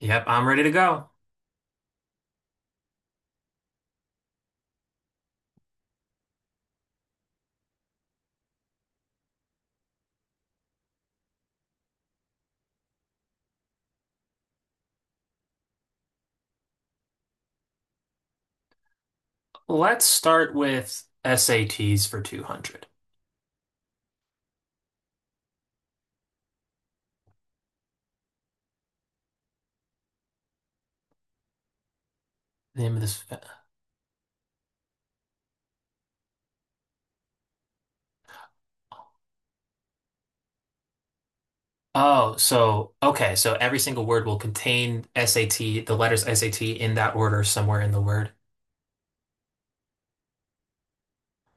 Yep, I'm ready to go. Let's start with SATs for 200. The name of this. Okay. So every single word will contain SAT, the letters SAT in that order somewhere in the word.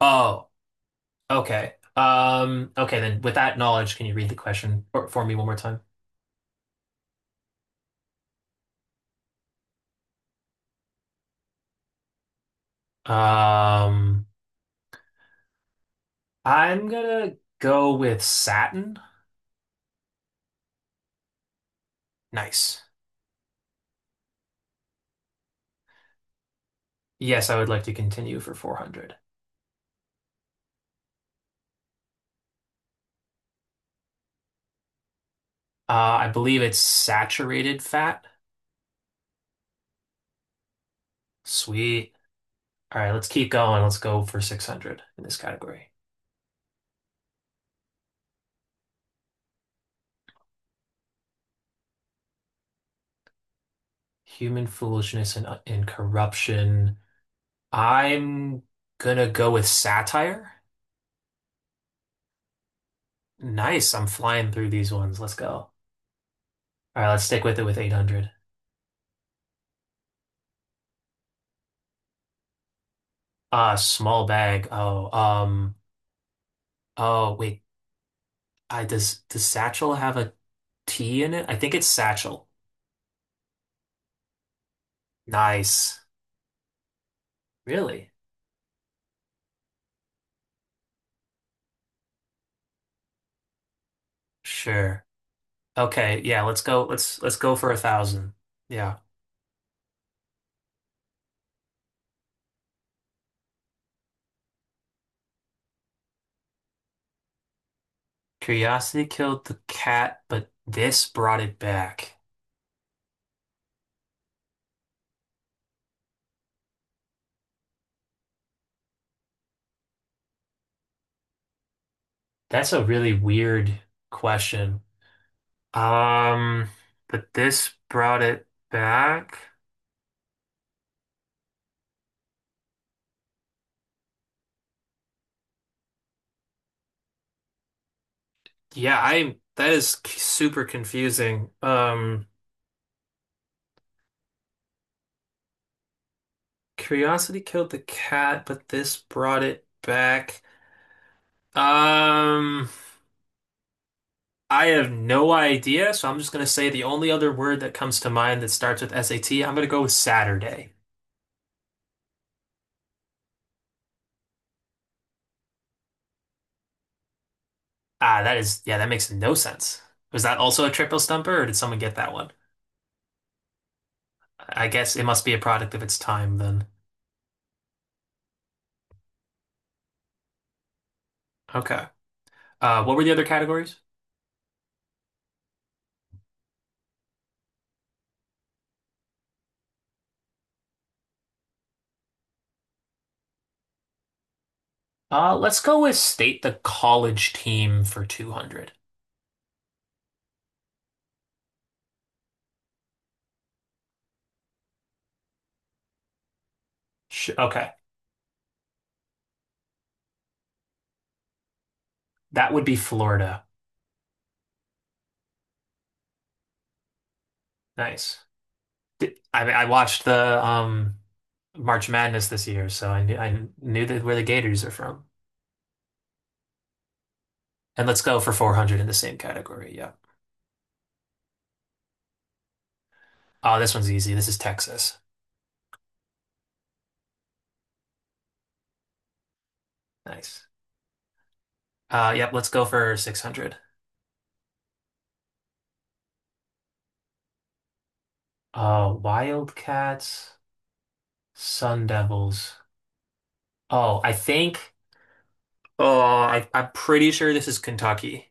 Oh, okay. Okay, then with that knowledge, can you read the question for me one more time? Um, I'm gonna go with satin. Nice. Yes, I would like to continue for 400. I believe it's saturated fat. Sweet. All right, let's keep going. Let's go for 600 in this category. Human foolishness and corruption. I'm gonna go with satire. Nice, I'm flying through these ones. Let's go. All right, let's stick with it with 800. Small bag. Oh, oh, wait. I does satchel have a T in it? I think it's satchel. Nice. Really? Sure. Okay, yeah, let's go. Let's go for a thousand. Yeah. Curiosity killed the cat, but this brought it back. That's a really weird question. Um, but this brought it back. Yeah, I that is super confusing. Curiosity killed the cat, but this brought it back. Um, I have no idea, so I'm just gonna say the only other word that comes to mind that starts with S am gonna go with Saturday. Ah, that is, yeah, that makes no sense. Was that also a triple stumper, or did someone get that one? I guess it must be a product of its time then. Okay. What were the other categories? Let's go with state the college team for 200. Sh okay. That would be Florida. Nice. I watched the March Madness this year, so I knew that where the Gators are from. And let's go for 400 in the same category. Yeah. Oh, this one's easy. This is Texas. Nice. Yep, let's go for 600. Wildcats, Sun Devils. Oh, I think. I'm pretty sure this is Kentucky.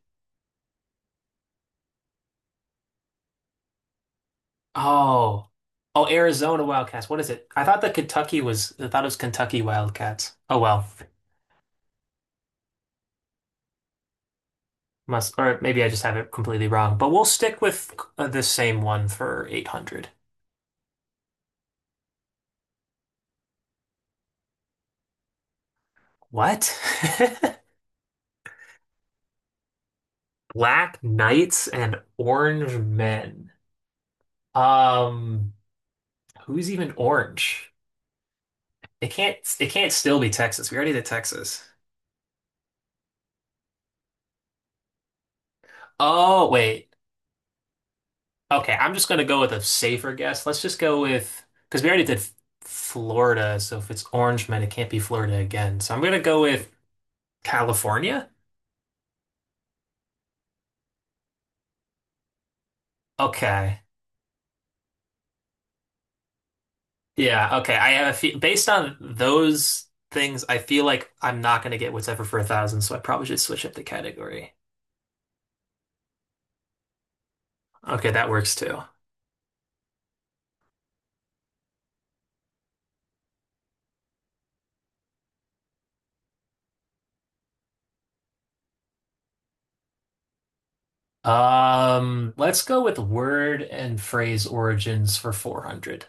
Oh, oh, Arizona Wildcats. What is it? I thought that Kentucky was. I thought it was Kentucky Wildcats. Oh well, must or maybe I just have it completely wrong. But we'll stick with the same one for 800. What? Black Knights and Orange Men. Um, Who's even orange? It can't. It can't still be Texas. We already did Texas. Oh, wait. Okay, I'm just gonna go with a safer guess. Let's just go with because we already did Florida, so if it's Orange Man, it can't be Florida again. So I'm gonna go with California. Okay. Yeah, okay. I have a fe based on those things, I feel like I'm not gonna get what's ever for a thousand, so I probably should switch up the category. Okay, that works too. Let's go with word and phrase origins for 400.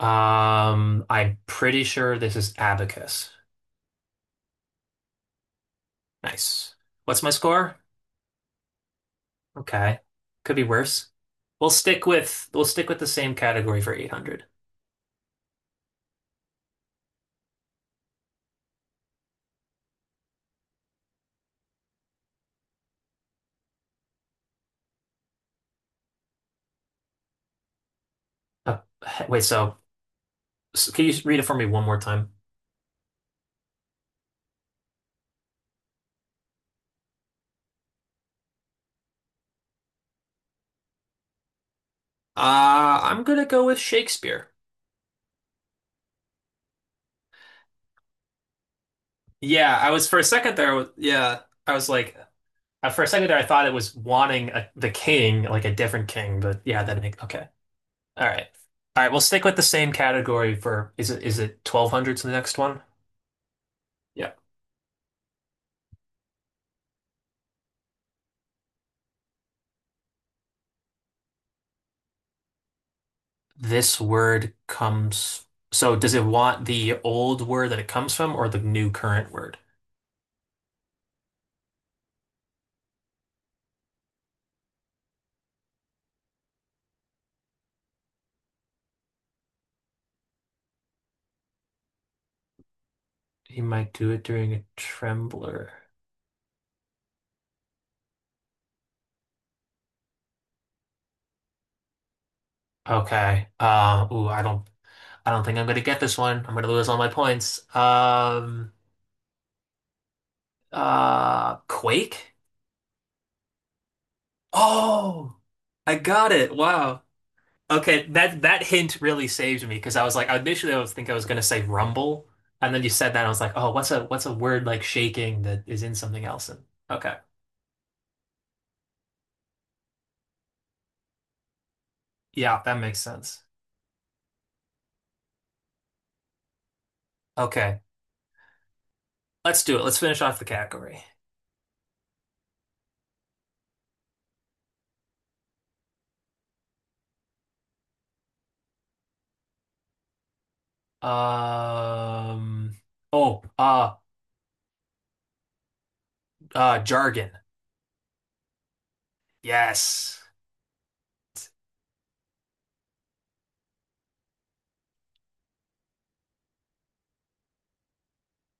I'm pretty sure this is abacus. Nice. What's my score? Okay. Could be worse. We'll stick with the same category for 800. Uh, wait, so, so can you read it for me one more time? I'm gonna go with Shakespeare. Yeah, I was for a second there. I was- Yeah, I was like, For a second there, I thought it was wanting a, the king, like a different king, but yeah, that makes okay. All right, all right. We'll stick with the same category for is it twelve hundreds the next one? Yeah. This word comes. So does it want the old word that it comes from or the new current word? He might do it during a trembler. Okay. I don't think I'm gonna get this one. I'm gonna lose all my points. Quake? Oh, I got it. Wow. Okay, that hint really saved me because I was like, initially I was gonna say rumble, and then you said that, and I was like, oh, what's a word like shaking that is in something else? And okay, yeah, that makes sense. Okay, let's do it. Let's finish off the category. Um, oh, uh, Jargon. Yes.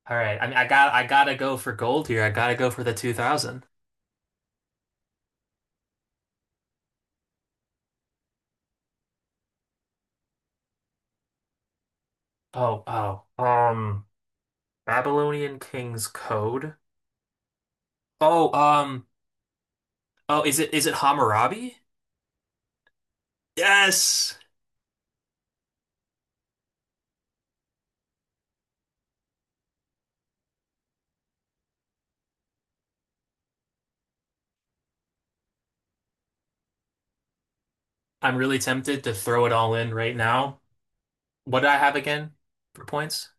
All right. I mean, I gotta go for gold here. I gotta go for the 2000. Oh, oh, um, Babylonian King's Code. Oh, um, oh, is it Hammurabi? Yes. I'm really tempted to throw it all in right now. What do I have again for points?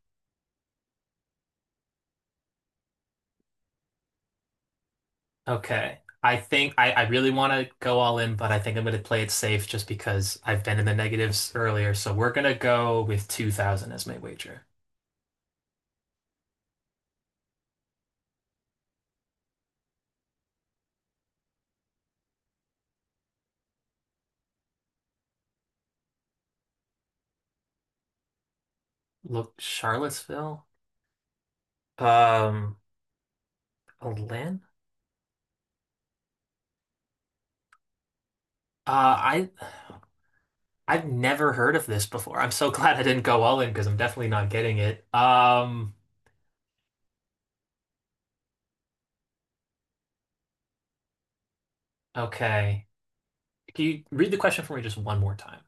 Okay. I think I really want to go all in, but I think I'm going to play it safe just because I've been in the negatives earlier. So we're going to go with 2000 as my wager. Look, Charlottesville? Um, Lynn? Uh, I I've never heard of this before. I'm so glad I didn't go all in because I'm definitely not getting it. Okay. Can you read the question for me just one more time?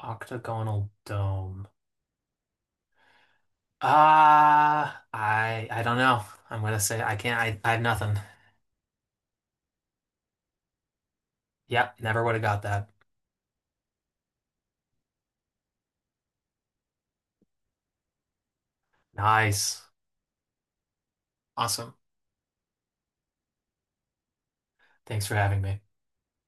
Octagonal dome. Ah, I don't know. I'm gonna say I can't. I have nothing. Yep, never would have got that. Nice. Awesome. Thanks for having me.